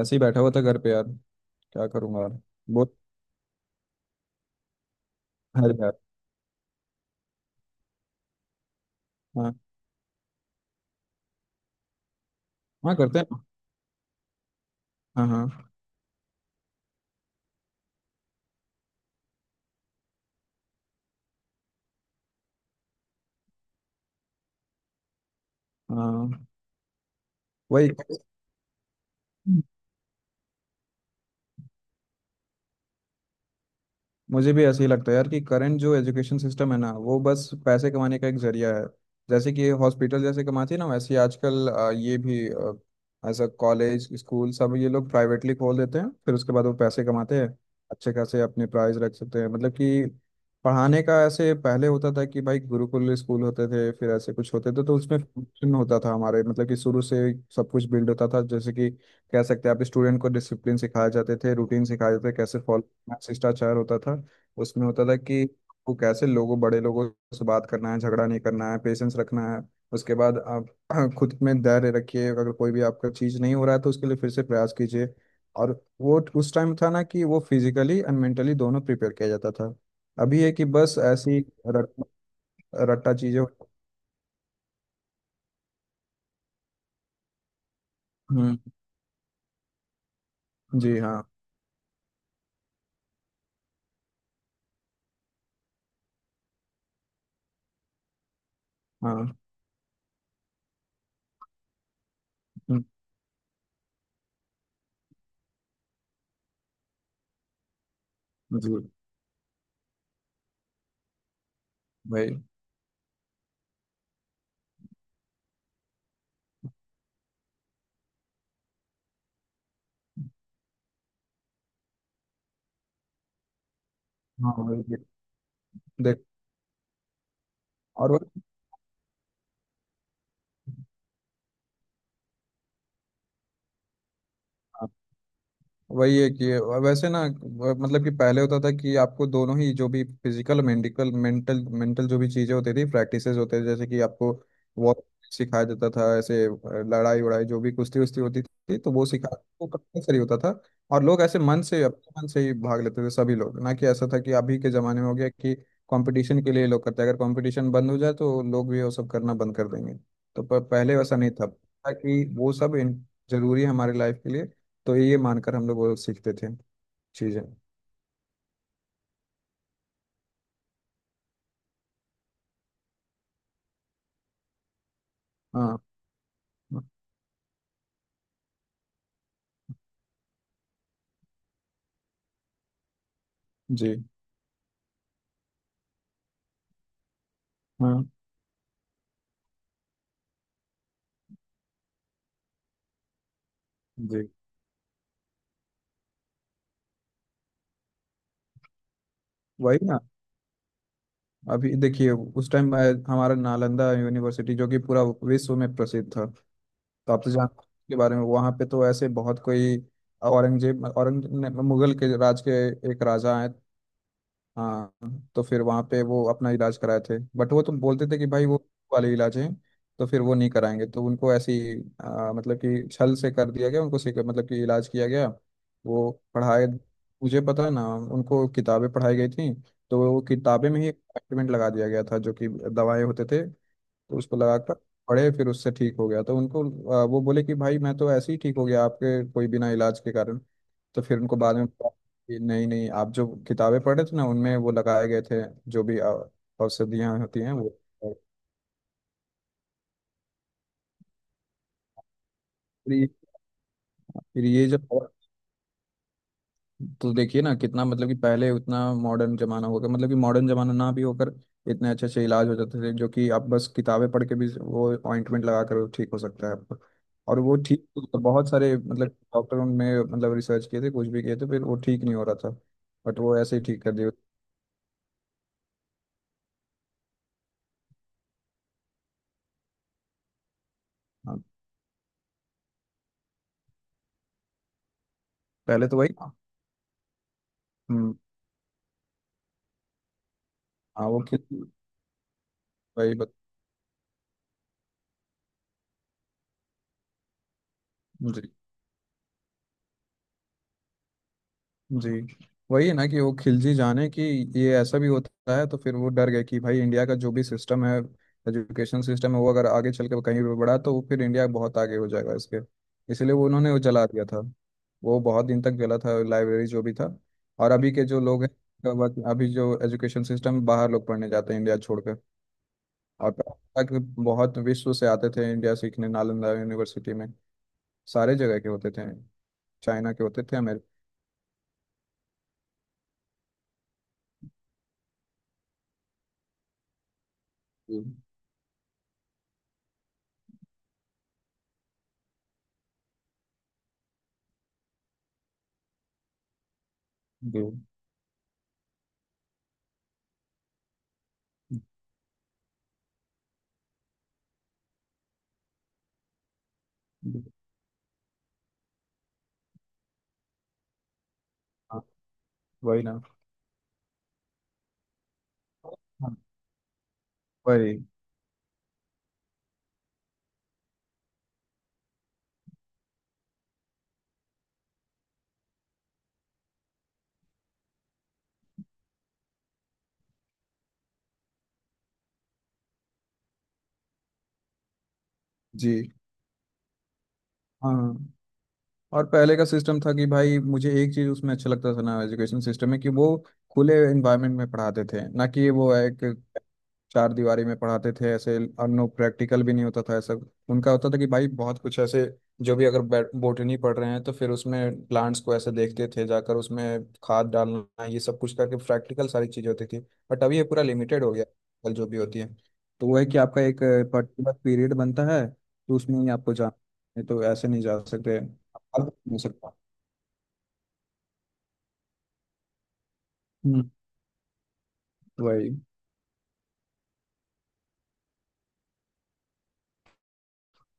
ऐसे ही बैठा हुआ था घर पे यार। क्या करूंगा यार। बहुत है यार। हाँ हाँ करते हैं। हाँ हाँ। हाँ वही। मुझे भी ऐसे ही लगता है यार कि करंट जो एजुकेशन सिस्टम है ना वो बस पैसे कमाने का एक जरिया है। जैसे कि हॉस्पिटल जैसे कमाती है ना वैसे ही आजकल ये भी एज अ कॉलेज स्कूल सब ये लोग प्राइवेटली खोल देते हैं फिर उसके बाद वो पैसे कमाते हैं। अच्छे खासे अपने प्राइस रख सकते हैं। मतलब कि पढ़ाने का ऐसे पहले होता था कि भाई गुरुकुल स्कूल होते थे फिर ऐसे कुछ होते थे, तो उसमें फंक्शन होता था हमारे। मतलब कि शुरू से सब कुछ बिल्ड होता था। जैसे कि कह सकते हैं आप स्टूडेंट को डिसिप्लिन सिखाए जाते थे, रूटीन सिखाए जाते थे, कैसे फॉलो शिष्टाचार होता था उसमें होता था कि वो कैसे लोगों बड़े लोगों से बात करना है, झगड़ा नहीं करना है, पेशेंस रखना है। उसके बाद आप खुद में धैर्य रखिए, अगर कोई भी आपका चीज़ नहीं हो रहा है तो उसके लिए फिर से प्रयास कीजिए। और वो उस टाइम था ना कि वो फिजिकली एंड मेंटली दोनों प्रिपेयर किया जाता था। अभी है कि बस ऐसी रट, रट्टा चीज़ें। हम्म। जी हाँ। हाँ। हम्म। जी भाई। हाँ वही। देख। और वो- हाँ। वही है कि वैसे ना मतलब कि पहले होता था कि आपको दोनों ही जो भी फिजिकल मेडिकल मेंटल मेंटल जो भी चीज़ें होती थी प्रैक्टिसेस होते थे, जैसे कि आपको वॉर सिखाया जाता था। ऐसे लड़ाई वड़ाई जो भी कुश्ती उश्ती होती थी तो वो सिखा वो कंपल्सरी होता था। और लोग ऐसे मन से, अपने मन से ही भाग लेते थे सभी लोग, ना कि ऐसा था कि अभी के ज़माने में हो गया कि कंपटीशन के लिए लोग करते हैं। अगर कंपटीशन बंद हो जाए तो लोग भी वो सब करना बंद कर देंगे। तो पर पहले वैसा नहीं था कि वो सब जरूरी है हमारे लाइफ के लिए, तो ये मानकर हम लोग वो सीखते थे चीजें। हाँ। जी हाँ। जी वही ना। अभी देखिए उस टाइम हमारा नालंदा यूनिवर्सिटी जो कि पूरा विश्व में प्रसिद्ध था। तो आप तो जानते हैं इसके बारे में। वहाँ पे तो ऐसे बहुत कोई औरंगजेब मुगल के राज के एक राजा हैं। हाँ तो फिर वहाँ पे वो अपना इलाज कराए थे, बट वो तुम बोलते थे कि भाई वो वाले इलाज हैं तो फिर वो नहीं कराएंगे, तो उनको ऐसी मतलब कि छल से कर दिया गया उनको, मतलब कि इलाज किया गया। वो पढ़ाए, मुझे पता है ना, उनको किताबें पढ़ाई गई थी तो वो किताबें में ही एक्सपेरिमेंट लगा दिया गया था जो कि दवाएं होते थे। तो उसको लगाकर पड़े फिर उससे ठीक हो गया, तो उनको वो बोले कि भाई मैं तो ऐसे ही ठीक हो गया आपके कोई बिना इलाज के कारण। तो फिर उनको बाद में पता कि नहीं नहीं, आप जो किताबें पढ़े थे ना उनमें वो लगाए गए थे जो भी औषधियाँ होती हैं वो। और फिर ये फिर ये जो तो देखिए ना कितना मतलब कि पहले उतना मॉडर्न जमाना होगा, मतलब कि मॉडर्न जमाना ना भी होकर इतने अच्छे अच्छे इलाज हो जाते थे जो कि आप बस किताबें पढ़ के भी वो ऑइंटमेंट लगा कर ठीक हो सकता है आपको, और वो ठीक। तो बहुत सारे मतलब डॉक्टरों ने मतलब रिसर्च किए थे कुछ भी किए थे फिर वो ठीक नहीं हो रहा था, बट वो ऐसे ही ठीक कर दिया। हाँ। पहले तो वही। हम्म। हाँ वो खिल- वही। बत, जी। वही है ना कि वो खिलजी जाने कि ये ऐसा भी होता है, तो फिर वो डर गए कि भाई इंडिया का जो भी सिस्टम है एजुकेशन सिस्टम है वो अगर आगे चल के कहीं भी बढ़ा तो वो फिर इंडिया बहुत आगे हो जाएगा इसके। इसलिए वो उन्होंने वो जला दिया था। वो बहुत दिन तक जला था लाइब्रेरी जो भी था। और अभी के जो लोग हैं अभी जो एजुकेशन सिस्टम बाहर लोग पढ़ने जाते हैं इंडिया छोड़कर। और तक बहुत विश्व से आते थे इंडिया सीखने नालंदा यूनिवर्सिटी में। सारे जगह के होते थे, चाइना के होते थे, अमेरिका के। जी। जी। वही ना। हाँ वही। जी हाँ। और पहले का सिस्टम था कि भाई, मुझे एक चीज उसमें अच्छा लगता था ना एजुकेशन सिस्टम में कि वो खुले एनवायरनमेंट में पढ़ाते थे, ना कि वो एक चार दीवारी में पढ़ाते थे ऐसे। अनु प्रैक्टिकल भी नहीं होता था ऐसा। उनका होता था कि भाई बहुत कुछ ऐसे जो भी, अगर बोटनी पढ़ रहे हैं तो फिर उसमें प्लांट्स को ऐसे देखते थे जाकर उसमें खाद डालना ये सब कुछ करके, प्रैक्टिकल सारी चीज़ होती थी। बट अभी ये पूरा लिमिटेड हो गया। कल जो भी होती है तो वो है कि आपका एक पर्टिकुलर पीरियड बनता है तो उसमें ही आपको जाना है, तो ऐसे नहीं जा सकते अब नहीं सकता। हम्म। वही।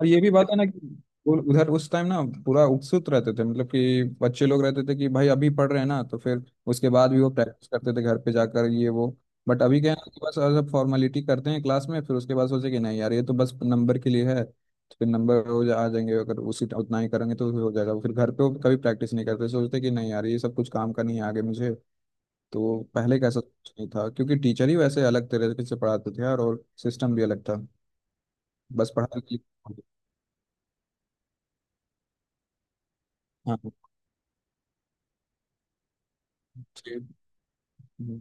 और ये भी बात है ना कि उधर उस टाइम ना पूरा उत्सुक रहते थे, मतलब कि बच्चे लोग रहते थे कि भाई अभी पढ़ रहे हैं ना तो फिर उसके बाद भी वो प्रैक्टिस करते थे घर पे जाकर ये वो। बट अभी क्या है ना कि बस सब फॉर्मेलिटी करते हैं क्लास में, फिर उसके बाद सोचे कि नहीं यार ये तो बस नंबर के लिए है, तो फिर नंबर हो जा आ जाएंगे अगर उसी उतना ही करेंगे तो हो जाएगा, फिर घर पे वो कभी प्रैक्टिस नहीं करते, सोचते कि नहीं यार ये सब कुछ काम का नहीं है आगे मुझे। तो पहले कैसा कुछ नहीं था क्योंकि टीचर ही वैसे अलग तरीके से पढ़ाते थे यार, और सिस्टम भी अलग था। बस पढ़ाई के लिए- हाँ। हम्म।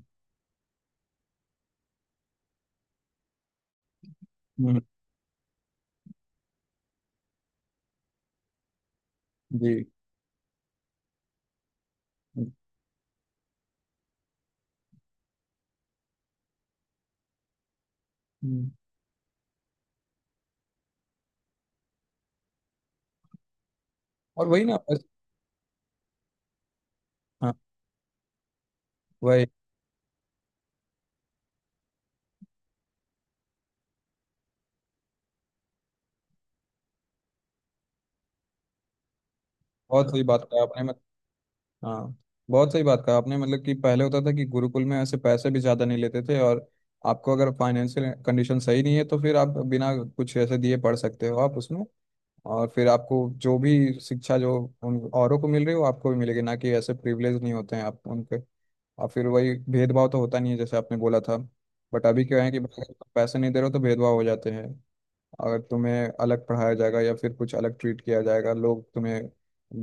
हम्म। जी। हम्म। हम्म। और वही ना बस। हाँ वही। बहुत सही बात कहा आपने मत हाँ बहुत सही बात कहा आपने। मतलब कि पहले होता था कि गुरुकुल में ऐसे पैसे भी ज़्यादा नहीं लेते थे। और आपको अगर फाइनेंशियल कंडीशन सही नहीं है तो फिर आप बिना कुछ ऐसे दिए पढ़ सकते हो आप उसमें। और फिर आपको जो भी शिक्षा जो उन औरों को मिल रही है वो आपको भी मिलेगी, ना कि ऐसे प्रिविलेज नहीं होते हैं आप उनके। और फिर वही भेदभाव तो होता नहीं है, जैसे आपने बोला था। बट अभी क्या है कि पैसे नहीं दे रहे हो तो भेदभाव हो जाते हैं। अगर तुम्हें अलग पढ़ाया जाएगा या फिर कुछ अलग ट्रीट किया जाएगा, लोग तुम्हें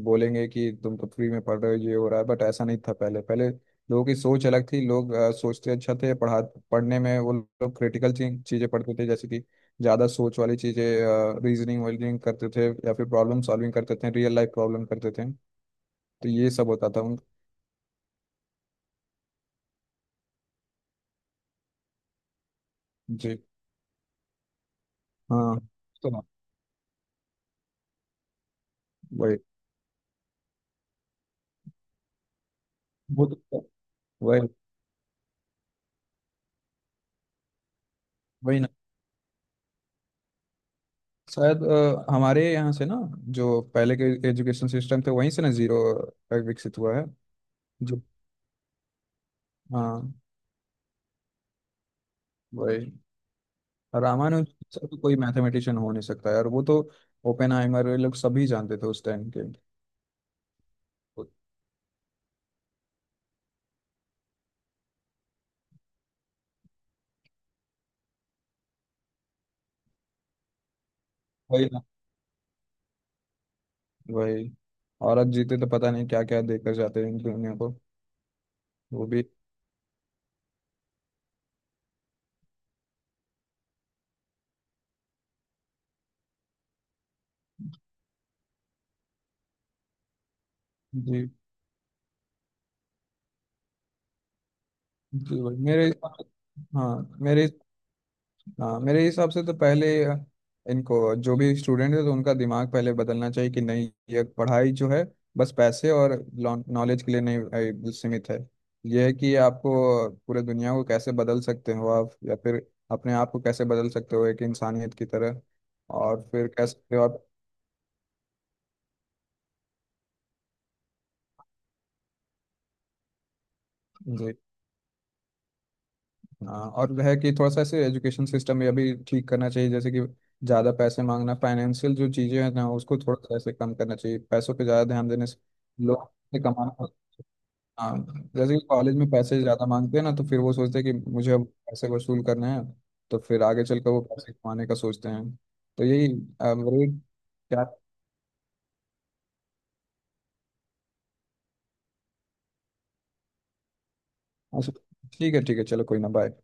बोलेंगे कि तुम तो फ्री में पढ़ रहे हो, ये हो रहा है। बट ऐसा नहीं था पहले। पहले लोगों की सोच अलग थी। लोग सोचते अच्छा थे। पढ़ा पढ़ने में वो लोग क्रिटिकल चीज़ें पढ़ते थे, जैसे कि ज़्यादा सोच वाली चीज़ें, रीजनिंग वीजनिंग करते थे, या फिर प्रॉब्लम सॉल्विंग करते थे, रियल लाइफ प्रॉब्लम करते थे। तो ये सब होता था उन। जी। हाँ। तो वही। वो तो। वही। वही। शायद हमारे यहाँ से ना जो पहले के एजुकेशन सिस्टम थे वहीं से ना जीरो विकसित हुआ है। जो हाँ वही। रामानुज से तो कोई मैथमेटिशियन हो नहीं सकता है। और वो तो ओपेनहाइमर ये लोग सभी जानते थे उस टाइम के। वही ना। वही। औरत जीते तो पता नहीं क्या क्या देकर जाते हैं दुनिया को। वो भी। जी। जी। वही मेरे। हाँ मेरे हाँ मेरे हिसाब से तो पहले इनको जो भी स्टूडेंट है तो उनका दिमाग पहले बदलना चाहिए कि नहीं ये पढ़ाई जो है बस पैसे और नॉलेज के लिए नहीं सीमित है। यह है कि आपको पूरे दुनिया को कैसे बदल सकते हो आप, या फिर अपने आप को कैसे बदल सकते हो एक इंसानियत की तरह। और फिर कैसे आप जी हाँ। और है कि थोड़ा सा ऐसे एजुकेशन सिस्टम ये भी ठीक करना चाहिए, जैसे कि ज़्यादा पैसे मांगना फाइनेंशियल जो चीज़ें हैं ना उसको थोड़ा सा ऐसे कम करना चाहिए, पैसों पे ज़्यादा ध्यान देने से लोग से कमाना। हाँ। जैसे कि कॉलेज में पैसे ज़्यादा मांगते हैं ना तो फिर वो सोचते हैं कि मुझे अब पैसे वसूल करने हैं। तो फिर आगे चलकर वो पैसे कमाने का सोचते हैं। तो यही रेट। क्या? अच्छा, ठीक है ठीक है। चलो कोई ना, बाय।